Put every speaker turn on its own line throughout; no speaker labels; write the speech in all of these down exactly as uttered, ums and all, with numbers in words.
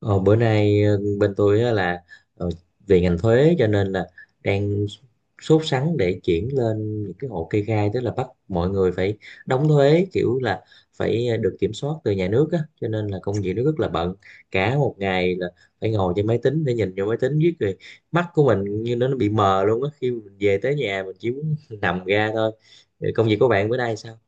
Ờ, Bữa nay ờ, bên tôi á là ờ, về ngành thuế, cho nên là đang sốt sắng để chuyển lên những cái hộ kê khai, tức là bắt mọi người phải đóng thuế kiểu là phải ờ, được kiểm soát từ nhà nước á, cho nên là công việc nó rất là bận. Cả một ngày là phải ngồi trên máy tính để nhìn vô máy tính viết rồi mắt của mình như nó nó bị mờ luôn á. Khi mình về tới nhà mình chỉ muốn nằm ra thôi. Ờ, công việc của bạn bữa nay sao?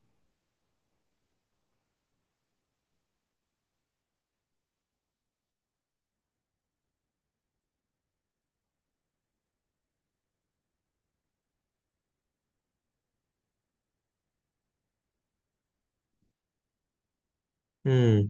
Ừ.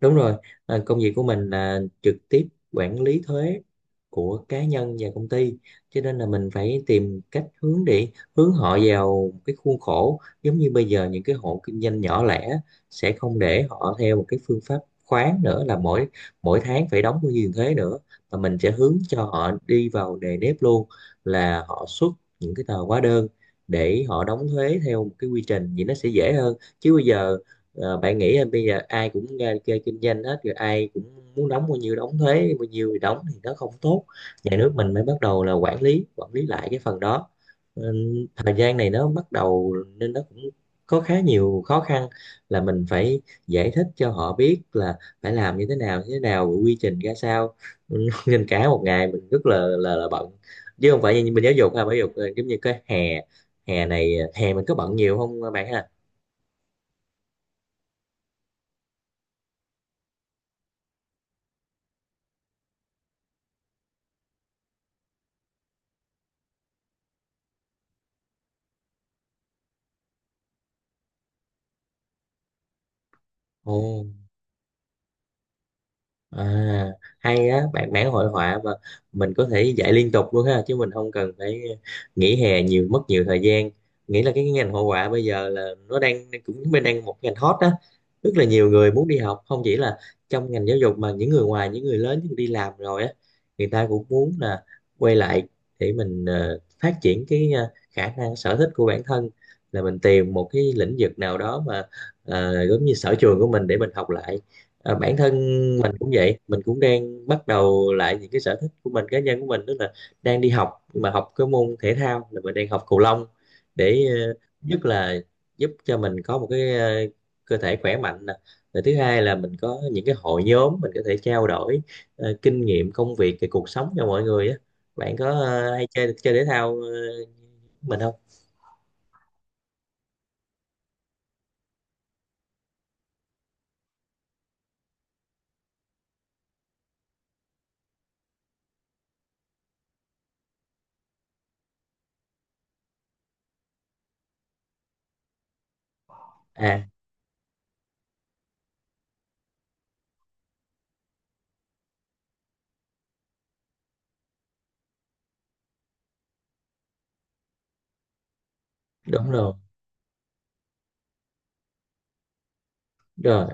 Đúng rồi, à, công việc của mình là trực tiếp quản lý thuế của cá nhân và công ty, cho nên là mình phải tìm cách hướng để hướng họ vào cái khuôn khổ. Giống như bây giờ những cái hộ kinh doanh nhỏ lẻ sẽ không để họ theo một cái phương pháp khoán nữa, là mỗi mỗi tháng phải đóng bao nhiêu tiền thuế nữa, mà mình sẽ hướng cho họ đi vào nề nếp luôn, là họ xuất những cái tờ hóa đơn để họ đóng thuế theo một cái quy trình, vậy nó sẽ dễ hơn. Chứ bây giờ, Ờ, bạn nghĩ là bây giờ ai cũng ra chơi kinh doanh hết rồi, ai cũng muốn đóng bao nhiêu đóng thuế bao nhiêu thì đóng, thì nó không tốt. Nhà nước mình mới bắt đầu là quản lý quản lý lại cái phần đó. Ừ, thời gian này nó bắt đầu nên nó cũng có khá nhiều khó khăn, là mình phải giải thích cho họ biết là phải làm như thế nào như thế nào, quy trình ra sao. Ừ, nên cả một ngày mình rất là là, là bận, chứ không phải như mình giáo dục ha. Giáo dục là giống như cái hè, hè này ờ, hè mình có bận nhiều không bạn ha? Ồ. À, hay á, bạn vẽ hội họa mà mình có thể dạy liên tục luôn ha, chứ mình không cần phải nghỉ hè nhiều, mất nhiều thời gian. Nghĩ là cái ngành hội họa bây giờ là nó đang cũng bên đang một ngành hot đó, rất là nhiều người muốn đi học, không chỉ là trong ngành giáo dục mà những người ngoài, những người lớn, những người đi làm rồi á, người ta cũng muốn là quay lại để mình ờ, phát triển cái ờ, khả năng sở thích của bản thân, là mình tìm một cái lĩnh vực nào đó mà ờ, giống như sở trường của mình để mình học lại. Ờ, bản thân mình cũng vậy, mình cũng đang bắt đầu lại những cái sở thích của mình, cá nhân của mình, tức là đang đi học, nhưng mà học cái môn thể thao là mình đang học cầu lông, để ờ, nhất là giúp cho mình có một cái ờ, cơ thể khỏe mạnh nè, rồi thứ hai là mình có những cái hội nhóm mình có thể trao đổi ờ, kinh nghiệm công việc về cuộc sống cho mọi người á. Bạn có ờ, hay chơi chơi thể thao ờ, mình không? À, đúng rồi. Rồi,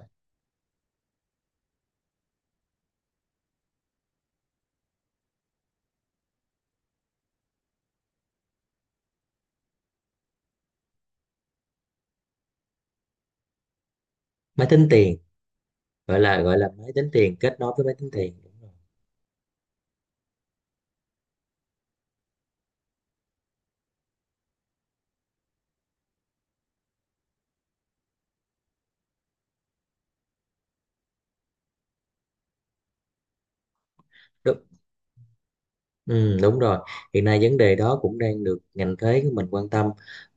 máy tính tiền, gọi là gọi là máy tính tiền kết nối với máy tính tiền, đúng rồi. Ừ, đúng rồi. Hiện nay vấn đề đó cũng đang được ngành thuế của mình quan tâm.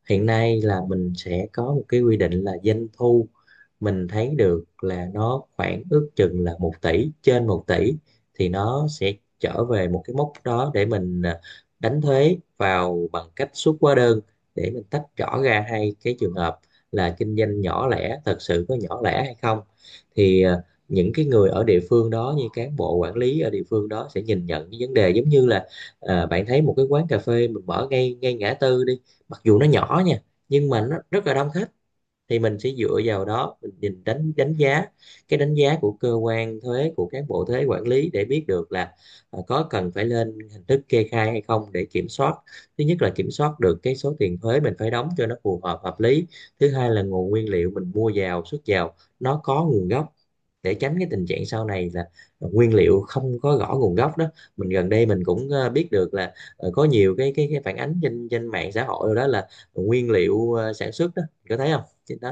Hiện nay là mình sẽ có một cái quy định là doanh thu mình thấy được là nó khoảng ước chừng là một tỷ, trên một tỷ, thì nó sẽ trở về một cái mốc đó để mình à, đánh thuế vào bằng cách xuất hóa đơn, để mình tách rõ ra hai cái trường hợp là kinh doanh nhỏ lẻ thật sự có nhỏ lẻ hay không. Thì à, những cái người ở địa phương đó như cán bộ quản lý ở địa phương đó sẽ nhìn nhận cái vấn đề giống như là, à, bạn thấy một cái quán cà phê mình mở ngay ngay ngã tư đi, mặc dù nó nhỏ nha, nhưng mà nó rất là đông khách, thì mình sẽ dựa vào đó mình nhìn đánh đánh giá, cái đánh giá của cơ quan thuế, của cán bộ thuế quản lý, để biết được là ờ, có cần phải lên hình thức kê khai hay không để kiểm soát. Thứ nhất là kiểm soát được cái số tiền thuế mình phải đóng cho nó phù hợp hợp lý. Thứ hai là nguồn nguyên liệu mình mua vào xuất vào nó có nguồn gốc, để tránh cái tình trạng sau này là nguyên liệu không có rõ nguồn gốc đó. Mình gần đây mình cũng ờ, biết được là ờ, có nhiều cái cái cái phản ánh trên trên mạng xã hội rồi, đó là nguyên liệu ờ, sản xuất đó, có thấy không, trên đó.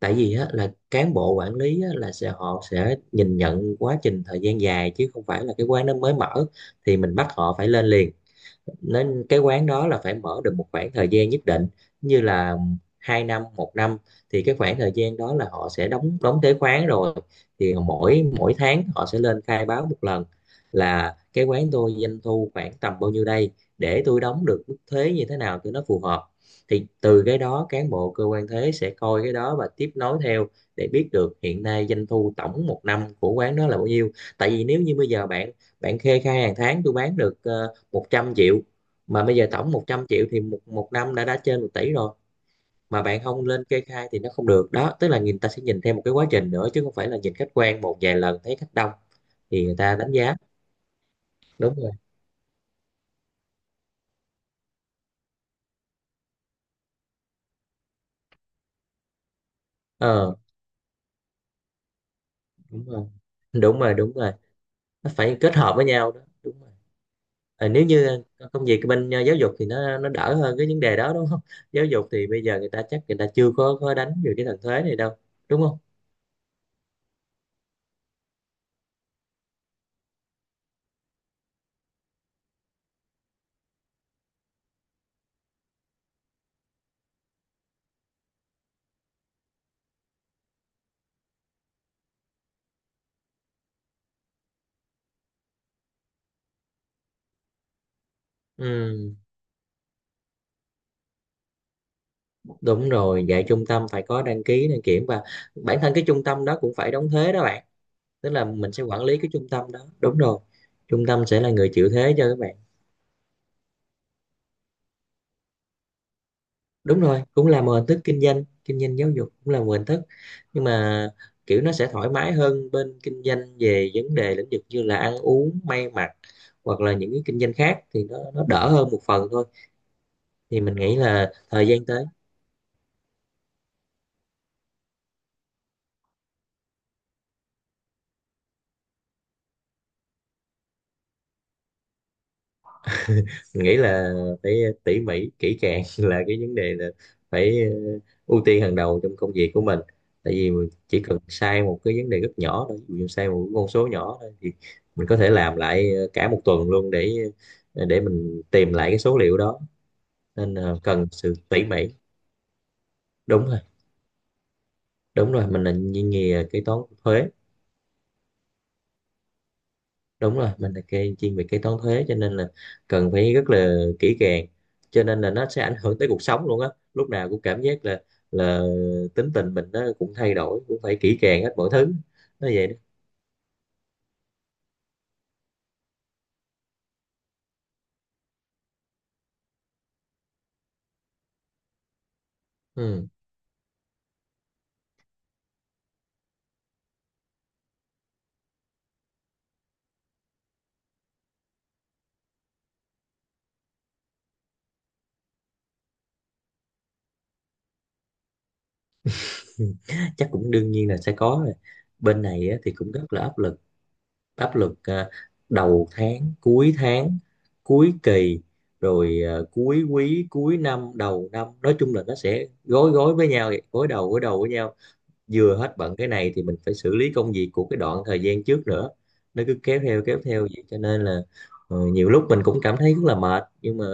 Tại vì á, là cán bộ quản lý á, là sẽ họ sẽ nhìn nhận quá trình thời gian dài, chứ không phải là cái quán nó mới mở thì mình bắt họ phải lên liền. Nên cái quán đó là phải mở được một khoảng thời gian nhất định, như là hai năm một năm, thì cái khoảng thời gian đó là họ sẽ đóng đóng thuế khoán rồi, thì mỗi mỗi tháng họ sẽ lên khai báo một lần, là cái quán tôi doanh thu khoảng tầm bao nhiêu đây, để tôi đóng được mức thuế như thế nào cho nó phù hợp. Thì từ cái đó cán bộ cơ quan thuế sẽ coi cái đó và tiếp nối theo, để biết được hiện nay doanh thu tổng một năm của quán đó là bao nhiêu. Tại vì nếu như bây giờ bạn bạn kê khai hàng tháng tôi bán được ờ, một trăm triệu, mà bây giờ tổng một trăm triệu thì một một năm đã đã trên một tỷ rồi, mà bạn không lên kê khai thì nó không được đó. Tức là người ta sẽ nhìn theo một cái quá trình nữa, chứ không phải là nhìn khách quan một vài lần thấy khách đông thì người ta đánh giá. Đúng rồi, ờ đúng rồi, đúng rồi, đúng rồi, nó phải kết hợp với nhau đó, đúng rồi. Ờ, nếu như công việc bên ờ, giáo dục thì nó nó đỡ hơn cái vấn đề đó, đúng không? Giáo dục thì bây giờ người ta chắc người ta chưa có có đánh về cái thần thuế này đâu, đúng không? Ừ. Đúng rồi, dạy trung tâm phải có đăng ký, đăng kiểm, và bản thân cái trung tâm đó cũng phải đóng thuế đó bạn. Tức là mình sẽ quản lý cái trung tâm đó. Đúng rồi. Trung tâm sẽ là người chịu thuế cho các bạn. Đúng rồi, cũng là một hình thức kinh doanh, kinh doanh giáo dục cũng là một hình thức. Nhưng mà kiểu nó sẽ thoải mái hơn bên kinh doanh về vấn đề lĩnh vực như là ăn uống, may mặc, hoặc là những cái kinh doanh khác, thì nó nó đỡ hơn một phần thôi. Thì mình nghĩ là thời gian tới. Mình nghĩ là phải tỉ mỉ kỹ càng, là cái vấn đề là phải ờ, ưu tiên hàng đầu trong công việc của mình. Tại vì mình chỉ cần sai một cái vấn đề rất nhỏ thôi, ví dụ sai một con số nhỏ thôi, thì mình có thể làm lại ờ, cả một tuần luôn để ờ, để mình tìm lại cái số liệu đó, nên là cần sự tỉ mỉ. Đúng rồi, đúng rồi, mình là ngành nghề ờ, kế toán thuế. Đúng rồi, mình là kê chuyên về kế toán thuế, cho nên là cần phải rất là kỹ càng, cho nên là nó sẽ ảnh hưởng tới cuộc sống luôn á. Lúc nào cũng cảm giác là là tính tình mình nó cũng thay đổi, cũng phải kỹ càng hết mọi thứ. Nó vậy đó. Ừ. Chắc cũng đương nhiên là sẽ có rồi, bên này á, thì cũng rất là áp lực. Áp lực à, đầu tháng cuối tháng cuối kỳ, rồi à, cuối quý cuối năm đầu năm, nói chung là nó sẽ gối gối với nhau vậy, gối đầu gối đầu với nhau. Vừa hết bận cái này thì mình phải xử lý công việc của cái đoạn thời gian trước nữa, nó cứ kéo theo kéo theo vậy, cho nên là ờ, nhiều lúc mình cũng cảm thấy rất là mệt. Nhưng mà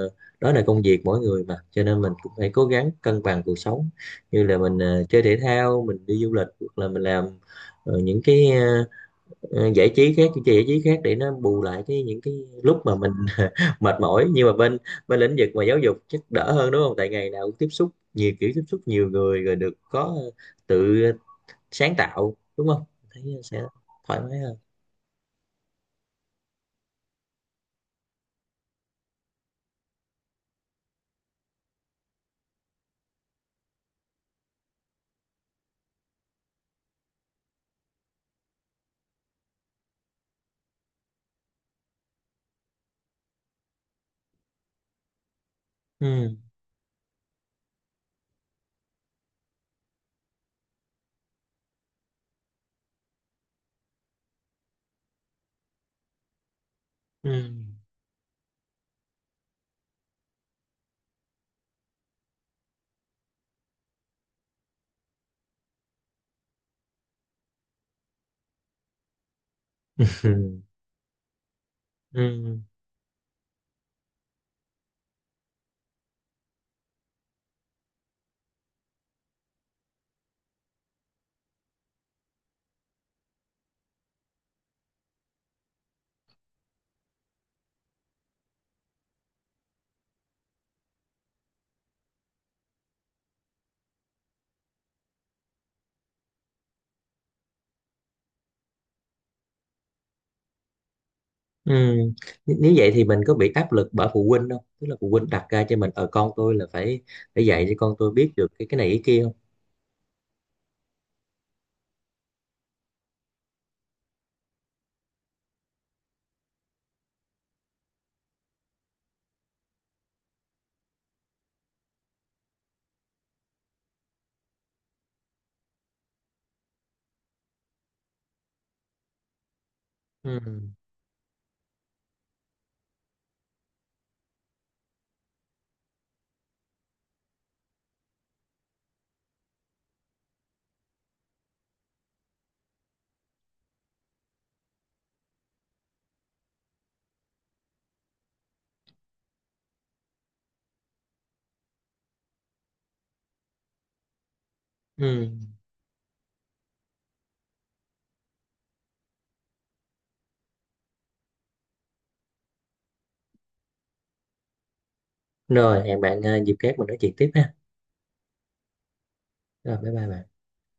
đó là công việc mỗi người mà, cho nên mình cũng phải cố gắng cân bằng cuộc sống, như là mình ờ, chơi thể thao, mình đi du lịch, hoặc là mình làm ờ, những cái ờ, ờ, giải trí khác, những cái giải trí khác, để nó bù lại cái những cái lúc mà mình mệt mỏi. Nhưng mà bên bên lĩnh vực mà giáo dục chắc đỡ hơn, đúng không, tại ngày nào cũng tiếp xúc nhiều kiểu, tiếp xúc nhiều người, rồi được có tự sáng tạo, đúng không? Thấy sẽ thoải mái hơn. Ừ ừ. Ừ ừ ừ. N- nếu vậy thì mình có bị áp lực bởi phụ huynh không, tức là phụ huynh đặt ra cho mình ở con tôi là phải phải dạy cho con tôi biết được cái cái này cái kia không? Ừ ừ. Rồi, hẹn bạn ờ, dịp khác mình nói chuyện tiếp ha. Rồi bye bye bạn.